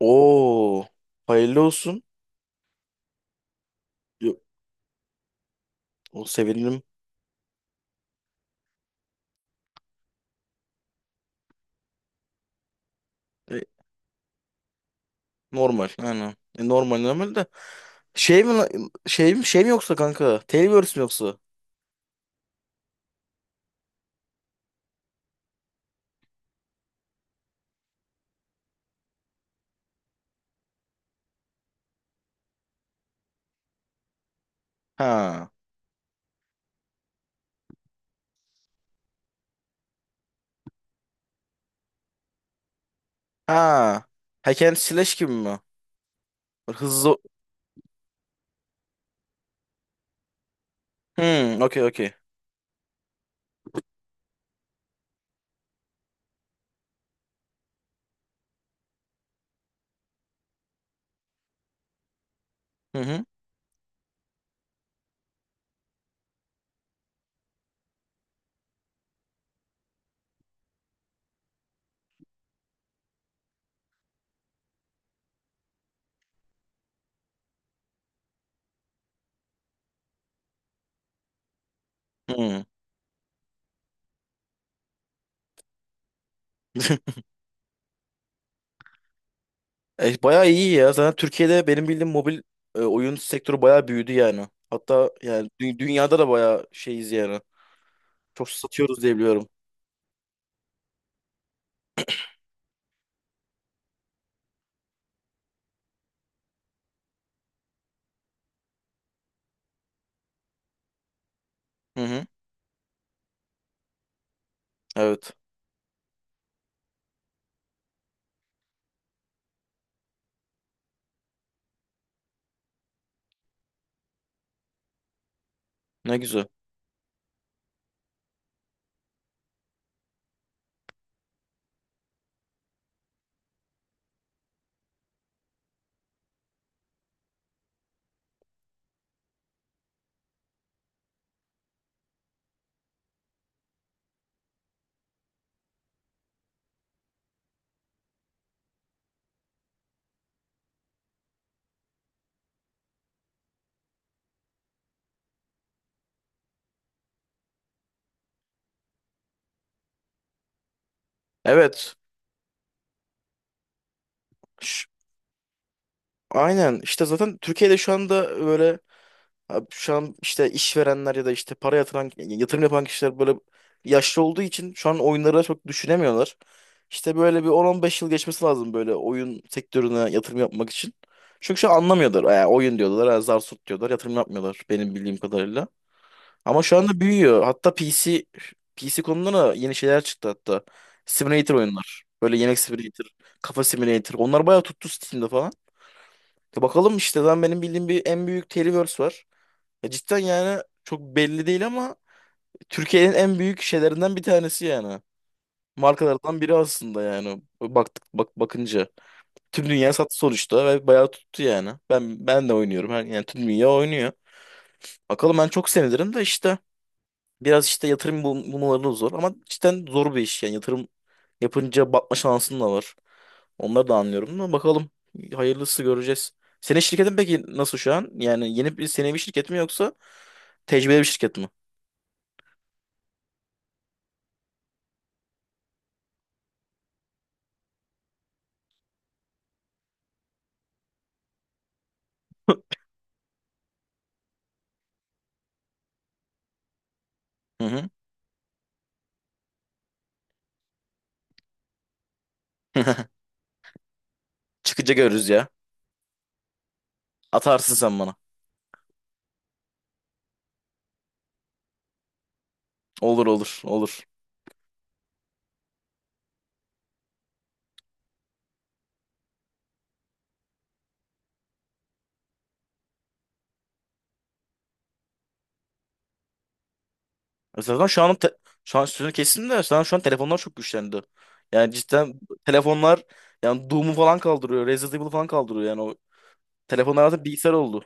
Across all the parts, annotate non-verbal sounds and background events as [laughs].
Oo, hayırlı olsun. Yo- O sevindim. E, normal aynen. Normal normal de. Şey mi la- şey mi şey mi yoksa kanka? Tailverse mi yoksa? Ha. Ha. Hack and Slash gibi mi? Hızlı. Hmm, okey okey. Hı hı. Hmm. [laughs] Bayağı iyi ya. Zaten Türkiye'de benim bildiğim mobil oyun sektörü bayağı büyüdü yani. Hatta yani dünyada da bayağı şeyiz yani. Çok satıyoruz diye biliyorum. Hı hı. Evet. Ne güzel. Evet. Aynen işte zaten Türkiye'de şu anda böyle abi şu an işte işverenler ya da işte para yatıran yatırım yapan kişiler böyle yaşlı olduğu için şu an oyunları çok düşünemiyorlar. İşte böyle bir 10-15 yıl geçmesi lazım böyle oyun sektörüne yatırım yapmak için. Çünkü şu an anlamıyorlar. Yani oyun diyorlar, ha, zar tut diyorlar, yatırım yapmıyorlar benim bildiğim kadarıyla. Ama şu anda büyüyor. Hatta PC konuda da yeni şeyler çıktı hatta. Simulator oyunlar. Böyle yemek simulator, kafa simulator. Onlar bayağı tuttu Steam'de, bakalım işte lan benim bildiğim bir en büyük Televerse var. Cidden yani çok belli değil ama Türkiye'nin en büyük şeylerinden bir tanesi yani. Markalardan biri aslında yani. Baktık bak bakınca. Tüm dünya sattı sonuçta ve bayağı tuttu yani. Ben de oynuyorum. Yani tüm dünya oynuyor. Bakalım ben çok sevinirim de işte biraz işte yatırım bulmaları da zor ama cidden zor bir iş yani yatırım yapınca batma şansın da var. Onları da anlıyorum ama bakalım. Hayırlısı göreceğiz. Senin şirketin peki nasıl şu an? Yani yeni bir senevi şirket mi yoksa tecrübeli bir şirket mi? Hı hı. [laughs] Çıkınca görürüz ya. Atarsın sen bana. Olur, olur, olur. Zaten şu an sözünü kestim de şu an telefonlar çok güçlendi. Yani cidden telefonlar yani Doom'u falan kaldırıyor. Resident Evil'ı falan kaldırıyor. Yani o telefonlar artık bilgisayar oldu.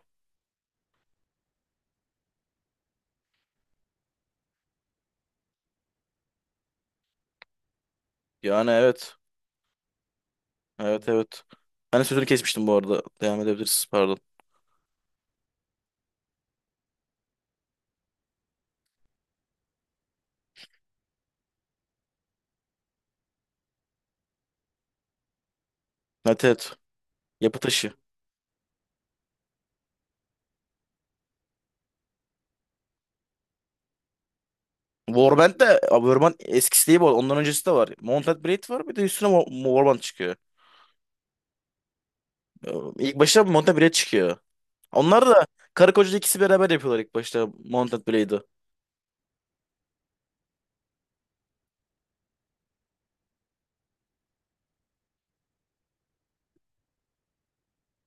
Yani evet. Evet, evet. Ben de sözünü kesmiştim bu arada. Devam edebiliriz. Pardon. Evet, evet. Yapı taşı. Warband de abi, Warband eskisi değil bu arada. Ondan öncesi de var. Mounted Blade var, bir de üstüne Warband çıkıyor. Ee, İlk başta Mounted Blade çıkıyor. Onlar da karı koca ikisi beraber yapıyorlar ilk başta Mounted Blade'ı.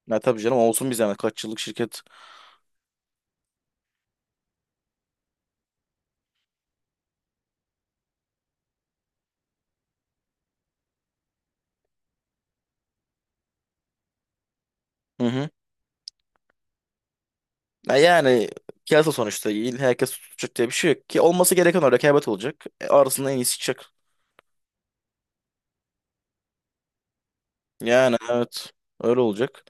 Ya tabii canım, olsun bir zahmet. Kaç yıllık şirket. Hı hı. Ya yani piyasa sonuçta. Herkes tutacak diye bir şey yok. Ki olması gereken o, rekabet olacak. Arasında en iyisi çıkacak. Yani evet. Öyle olacak.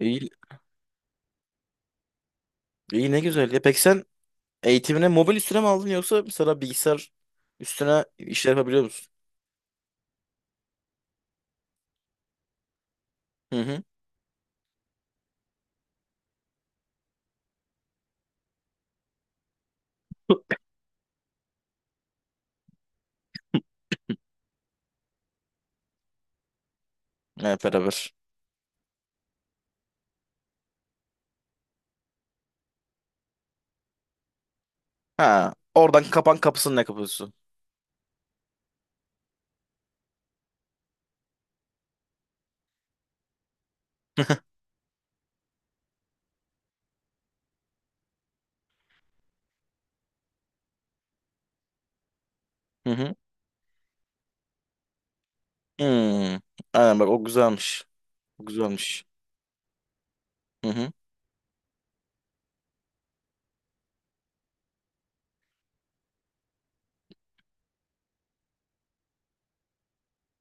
İyi, iyi ne güzel. Ya peki sen eğitimine mobil üstüne mi aldın yoksa mesela bilgisayar üstüne işler yapabiliyor musun? Hı hı. Evet, beraber. Ha, oradan kapan kapısının ne kapısı? [laughs] Hı hı. Hmm. Aynen bak, o güzelmiş. O güzelmiş. Hı hı.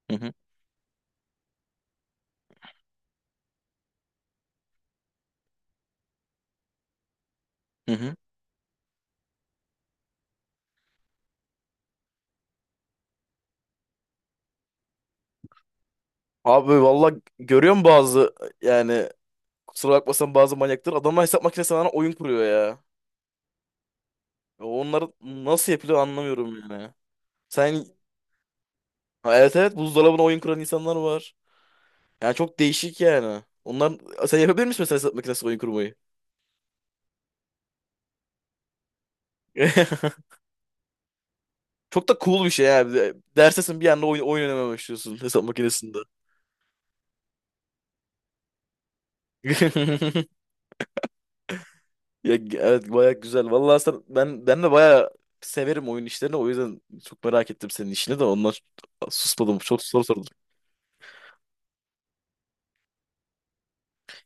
Hı hı. Hı hı. Abi valla görüyorum bazı yani kusura bakmasan bazı manyaktır. Adamlar hesap makinesi sana oyun kuruyor ya. Onlar nasıl yapılıyor anlamıyorum yani. Sen Ha, evet, evet, buzdolabına oyun kuran insanlar var. Yani çok değişik yani. Sen yapabilir misin mesela hesap makinesi oyun kurmayı? [laughs] Çok da cool bir şey ya. Dersesin bir anda oyun oynamaya başlıyorsun hesap makinesinde. [laughs] Ya, evet baya güzel. Vallahi sen, ben ben de baya severim oyun işlerini. O yüzden çok merak ettim senin işini de ondan susmadım. Çok soru sordum.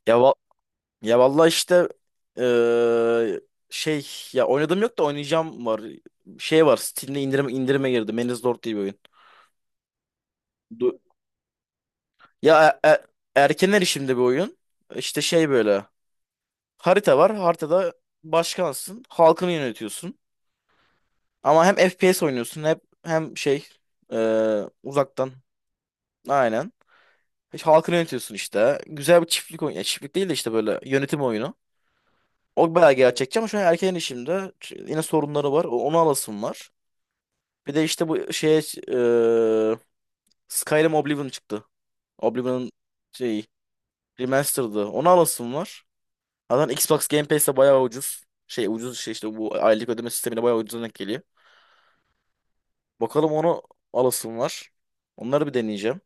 Ya va- ya vallahi işte eee, şey ya oynadım yok da oynayacağım var. Şey var. Steam'de indirime girdi. Man's Lord diye bir oyun. Du- ya erken erişimde bir oyun. İşte şey böyle. Harita var. Haritada başkansın. Halkını yönetiyorsun. Ama hem FPS oynuyorsun hep hem şey e, uzaktan. Aynen. Hiç halkını yönetiyorsun işte. Güzel bir çiftlik oyunu. Ya, çiftlik değil de işte böyle yönetim oyunu. O bayağı gerçekçi ama şu an erken işimde yine sorunları var. Onu alasım var. Bir de işte bu şeye e, Skyrim Oblivion çıktı. Oblivion'ın şey remastered'ı. Onu alasım var. Zaten Xbox Game Pass'te bayağı ucuz. Şey ucuz şey işte bu aylık ödeme sistemine bayağı ucuz denk geliyor. Bakalım onu alasım var. Onları bir deneyeceğim.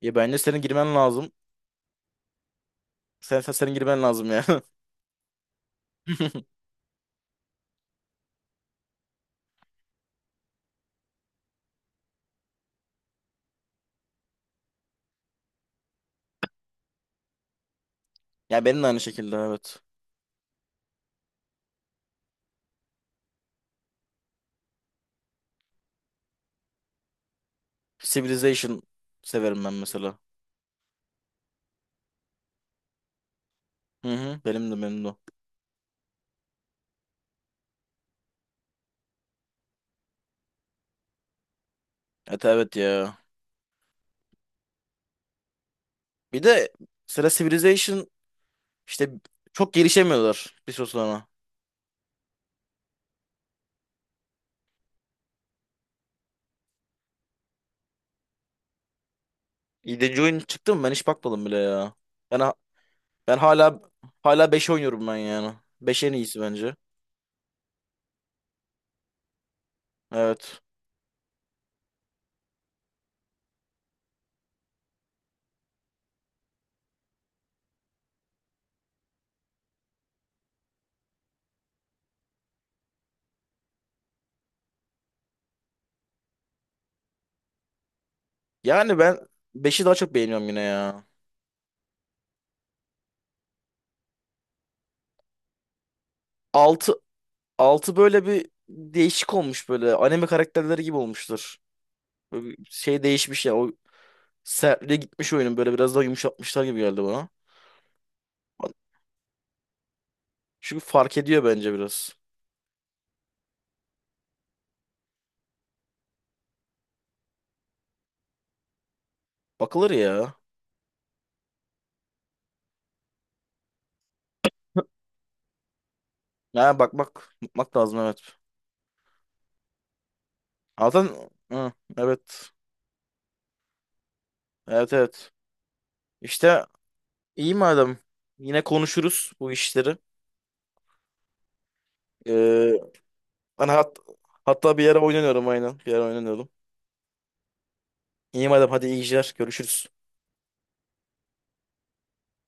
Ya bence senin girmen lazım. Senin girmen lazım ya. [laughs] Ya benim de aynı şekilde, evet. Civilization severim ben mesela. Hı hı. Benim de, benim de. Evet, evet ya. Bir de mesela Civilization işte çok gelişemiyorlar bir süre sonra. 7. oyun çıktı mı ben hiç bakmadım bile ya. Ben, ha- ben hala 5 oynuyorum ben yani. 5 en iyisi bence. Evet. Yani ben beşi daha çok beğeniyorum yine ya. 6 Altı böyle bir değişik olmuş böyle. Anime karakterleri gibi olmuştur. Böyle bir şey değişmiş ya. O sertliğe gitmiş oyunun, böyle biraz daha yumuşatmışlar gibi geldi bana. Çünkü fark ediyor bence biraz. Bakılır ya. Ha, bakmak lazım evet. Zaten hı, evet. Evet, evet. İşte iyi madem. Yine konuşuruz bu işleri. Ee, ben hatta bir yere oynanıyorum aynen. Bir yere oynanıyorum. İyi madem, hadi iyi geceler. Görüşürüz.